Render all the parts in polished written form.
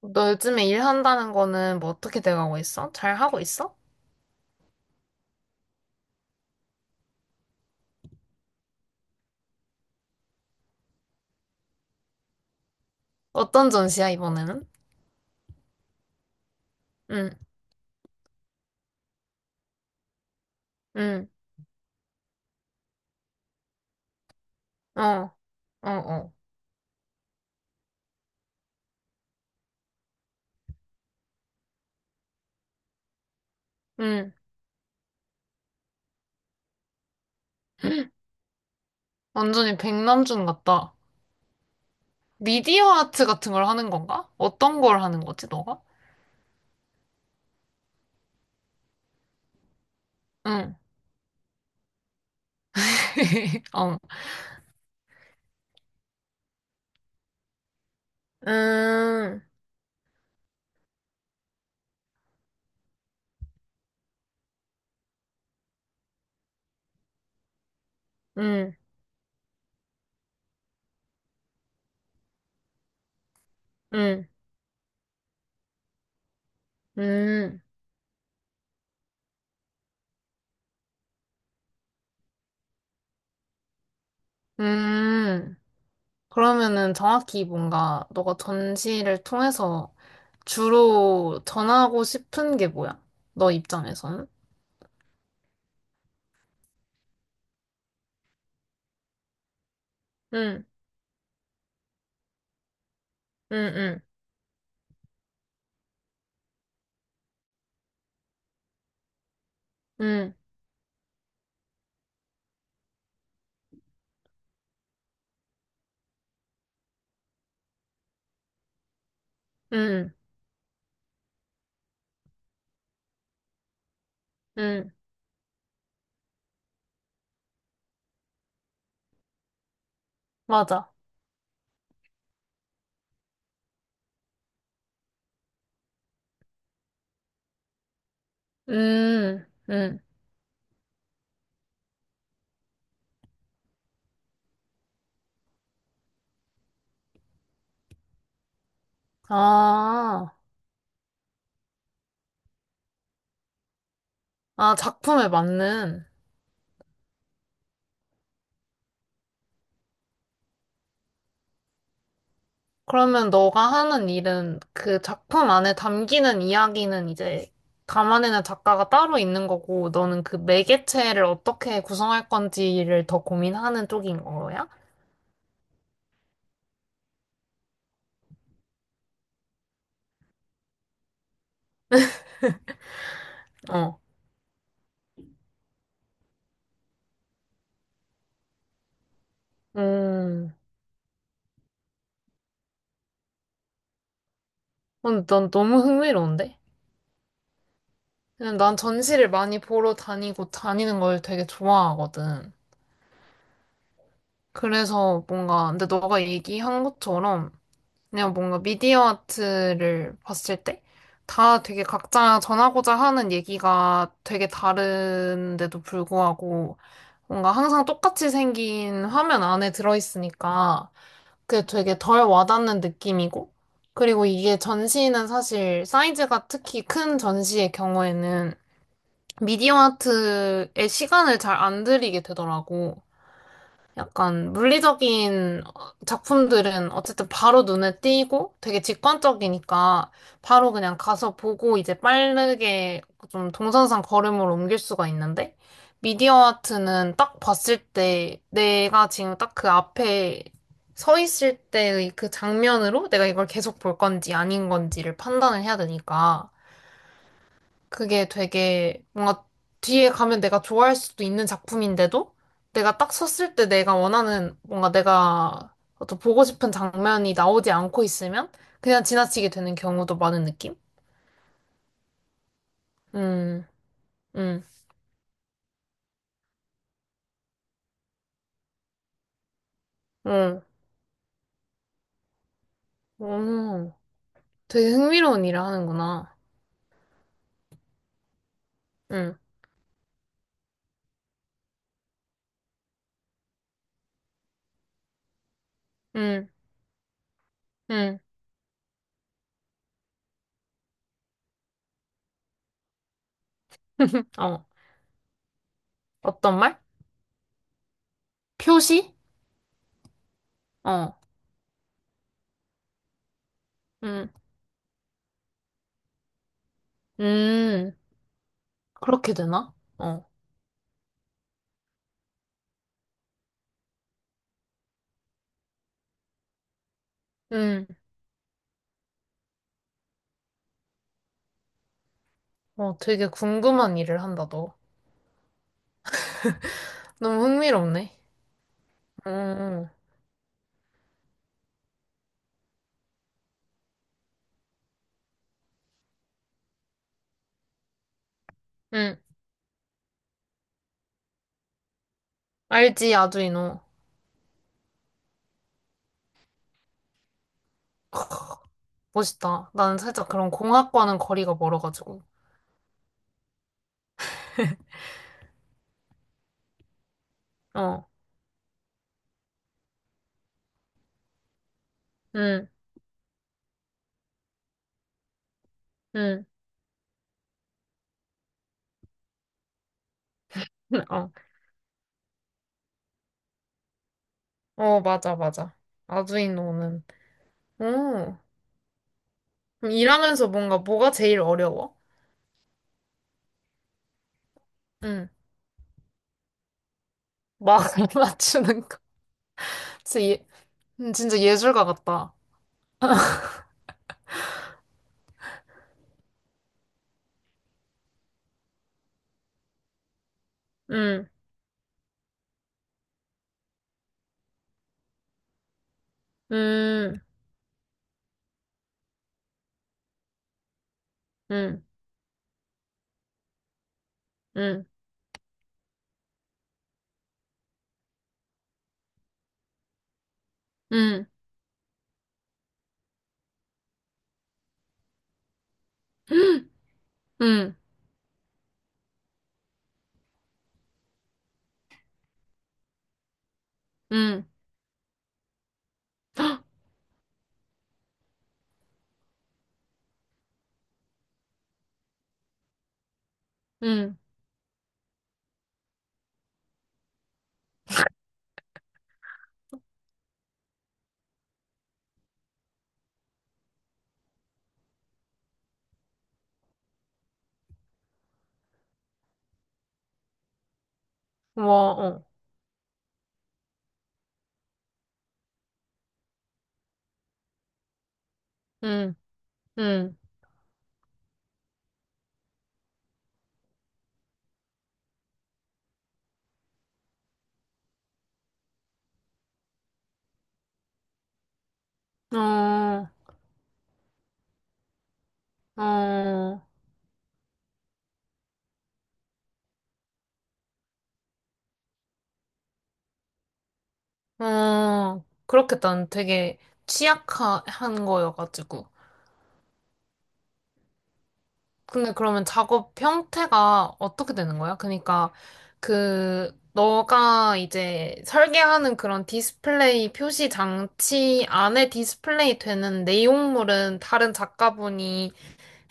너 요즘에 일한다는 거는 뭐 어떻게 돼가고 있어? 잘 하고 있어? 어떤 전시야, 이번에는? 응, 응, 어, 어, 어, 응. 완전히 백남준 같다. 미디어 아트 같은 걸 하는 건가? 어떤 걸 하는 거지, 너가? 응, 어. 음, 음, 음, 음, 음. 그러면은 정확히 뭔가 너가 전시를 통해서 주로 전하고 싶은 게 뭐야? 너 입장에서는? 응, 응, 응. 응, 응, 응, 맞아. 음, 음. 아, 아, 작품에 맞는. 그러면 너가 하는 일은 그 작품 안에 담기는 이야기는 이제 담아내는 작가가 따로 있는 거고, 너는 그 매개체를 어떻게 구성할 건지를 더 고민하는 쪽인 거야? 어. 음, 근데 난 너무 흥미로운데? 그냥 난 전시를 많이 보러 다니고 다니는 걸 되게 좋아하거든. 그래서 뭔가, 근데 너가 얘기한 것처럼 그냥 뭔가 미디어 아트를 봤을 때 다 되게 각자 전하고자 하는 얘기가 되게 다른데도 불구하고 뭔가 항상 똑같이 생긴 화면 안에 들어있으니까 그게 되게 덜 와닿는 느낌이고 그리고 이게 전시는 사실 사이즈가 특히 큰 전시의 경우에는 미디어 아트에 시간을 잘 안 들이게 되더라고. 약간 물리적인 작품들은 어쨌든 바로 눈에 띄고 되게 직관적이니까 바로 그냥 가서 보고 이제 빠르게 좀 동선상 걸음을 옮길 수가 있는데 미디어 아트는 딱 봤을 때 내가 지금 딱 그 앞에 서 있을 때의 그 장면으로 내가 이걸 계속 볼 건지 아닌 건지를 판단을 해야 되니까 그게 되게 뭔가 뒤에 가면 내가 좋아할 수도 있는 작품인데도 내가 딱 섰을 때 내가 원하는 뭔가 내가 어떤 보고 싶은 장면이 나오지 않고 있으면 그냥 지나치게 되는 경우도 많은 느낌? 음, 음, 음, 오, 되게 흥미로운 일을 하는구나. 음, 음, 음, 어, 어떤 말? 표시? 어, 음, 음, 그렇게 되나? 어, 음, 어, 되게 궁금한 일을 한다, 너. 너무 흥미롭네. 음, 응. 알지, 아두이노. 멋있다. 나는 살짝 그런 공학과는 거리가 멀어가지고. 어, 응, 응. 어, 어, 맞아, 맞아. 아두이노는. 오, 그럼 일하면서 뭔가 뭐가 제일 어려워? 응. 막을 맞추는 거. 진짜, 예, 진짜 예술가 같다. 응, 응, 응, 응, 응, 응, 응, 응. 응. 와, 어, 응, 응. 어, 어. 어, 그렇겠다. 난 되게 취약한 거여가지고. 근데 그러면 작업 형태가 어떻게 되는 거야? 그러니까 그 너가 이제 설계하는 그런 디스플레이 표시 장치 안에 디스플레이 되는 내용물은 다른 작가분이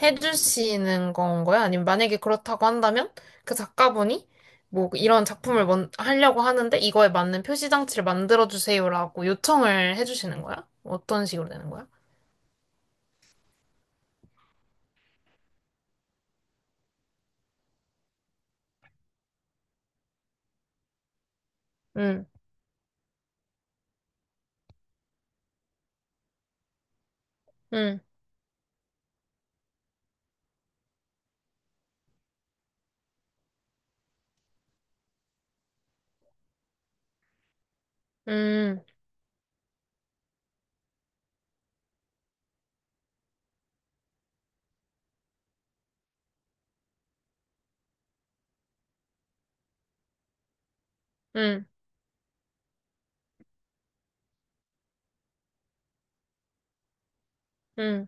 해주시는 건 거야? 아니면 만약에 그렇다고 한다면 그 작가분이 뭐 이런 작품을 먼- 하려고 하는데 이거에 맞는 표시 장치를 만들어 주세요라고 요청을 해주시는 거야? 어떤 식으로 되는 거야? 응, 응, 응, 응, 응,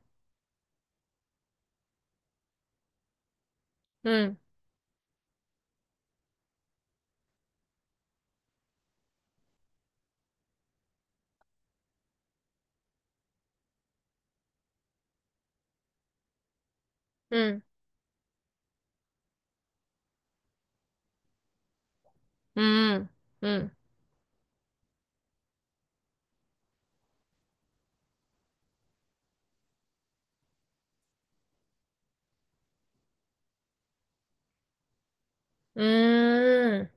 응, 응, 응, 응, 응,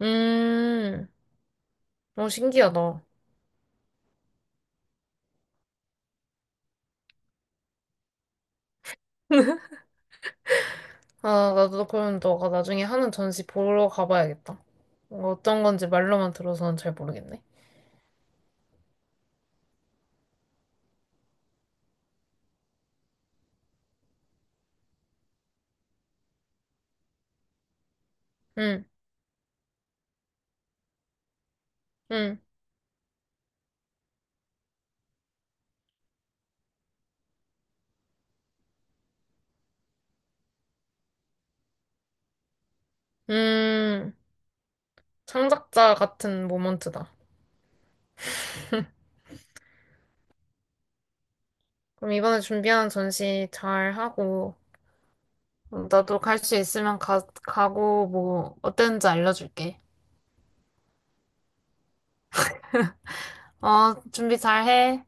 응. 어, 신기하다. 아, 나도 그럼 너가 나중에 하는 전시 보러 가봐야겠다. 어, 어떤 건지 말로만 들어서는 잘 모르겠네. 응. 응. 음, 창작자 같은 모먼트다. 그럼 이번에 준비하는 전시 잘 하고, 어, 나도 갈 수 있으면 가, 가고, 뭐, 어땠는지 알려줄게. 어, 준비 잘 해.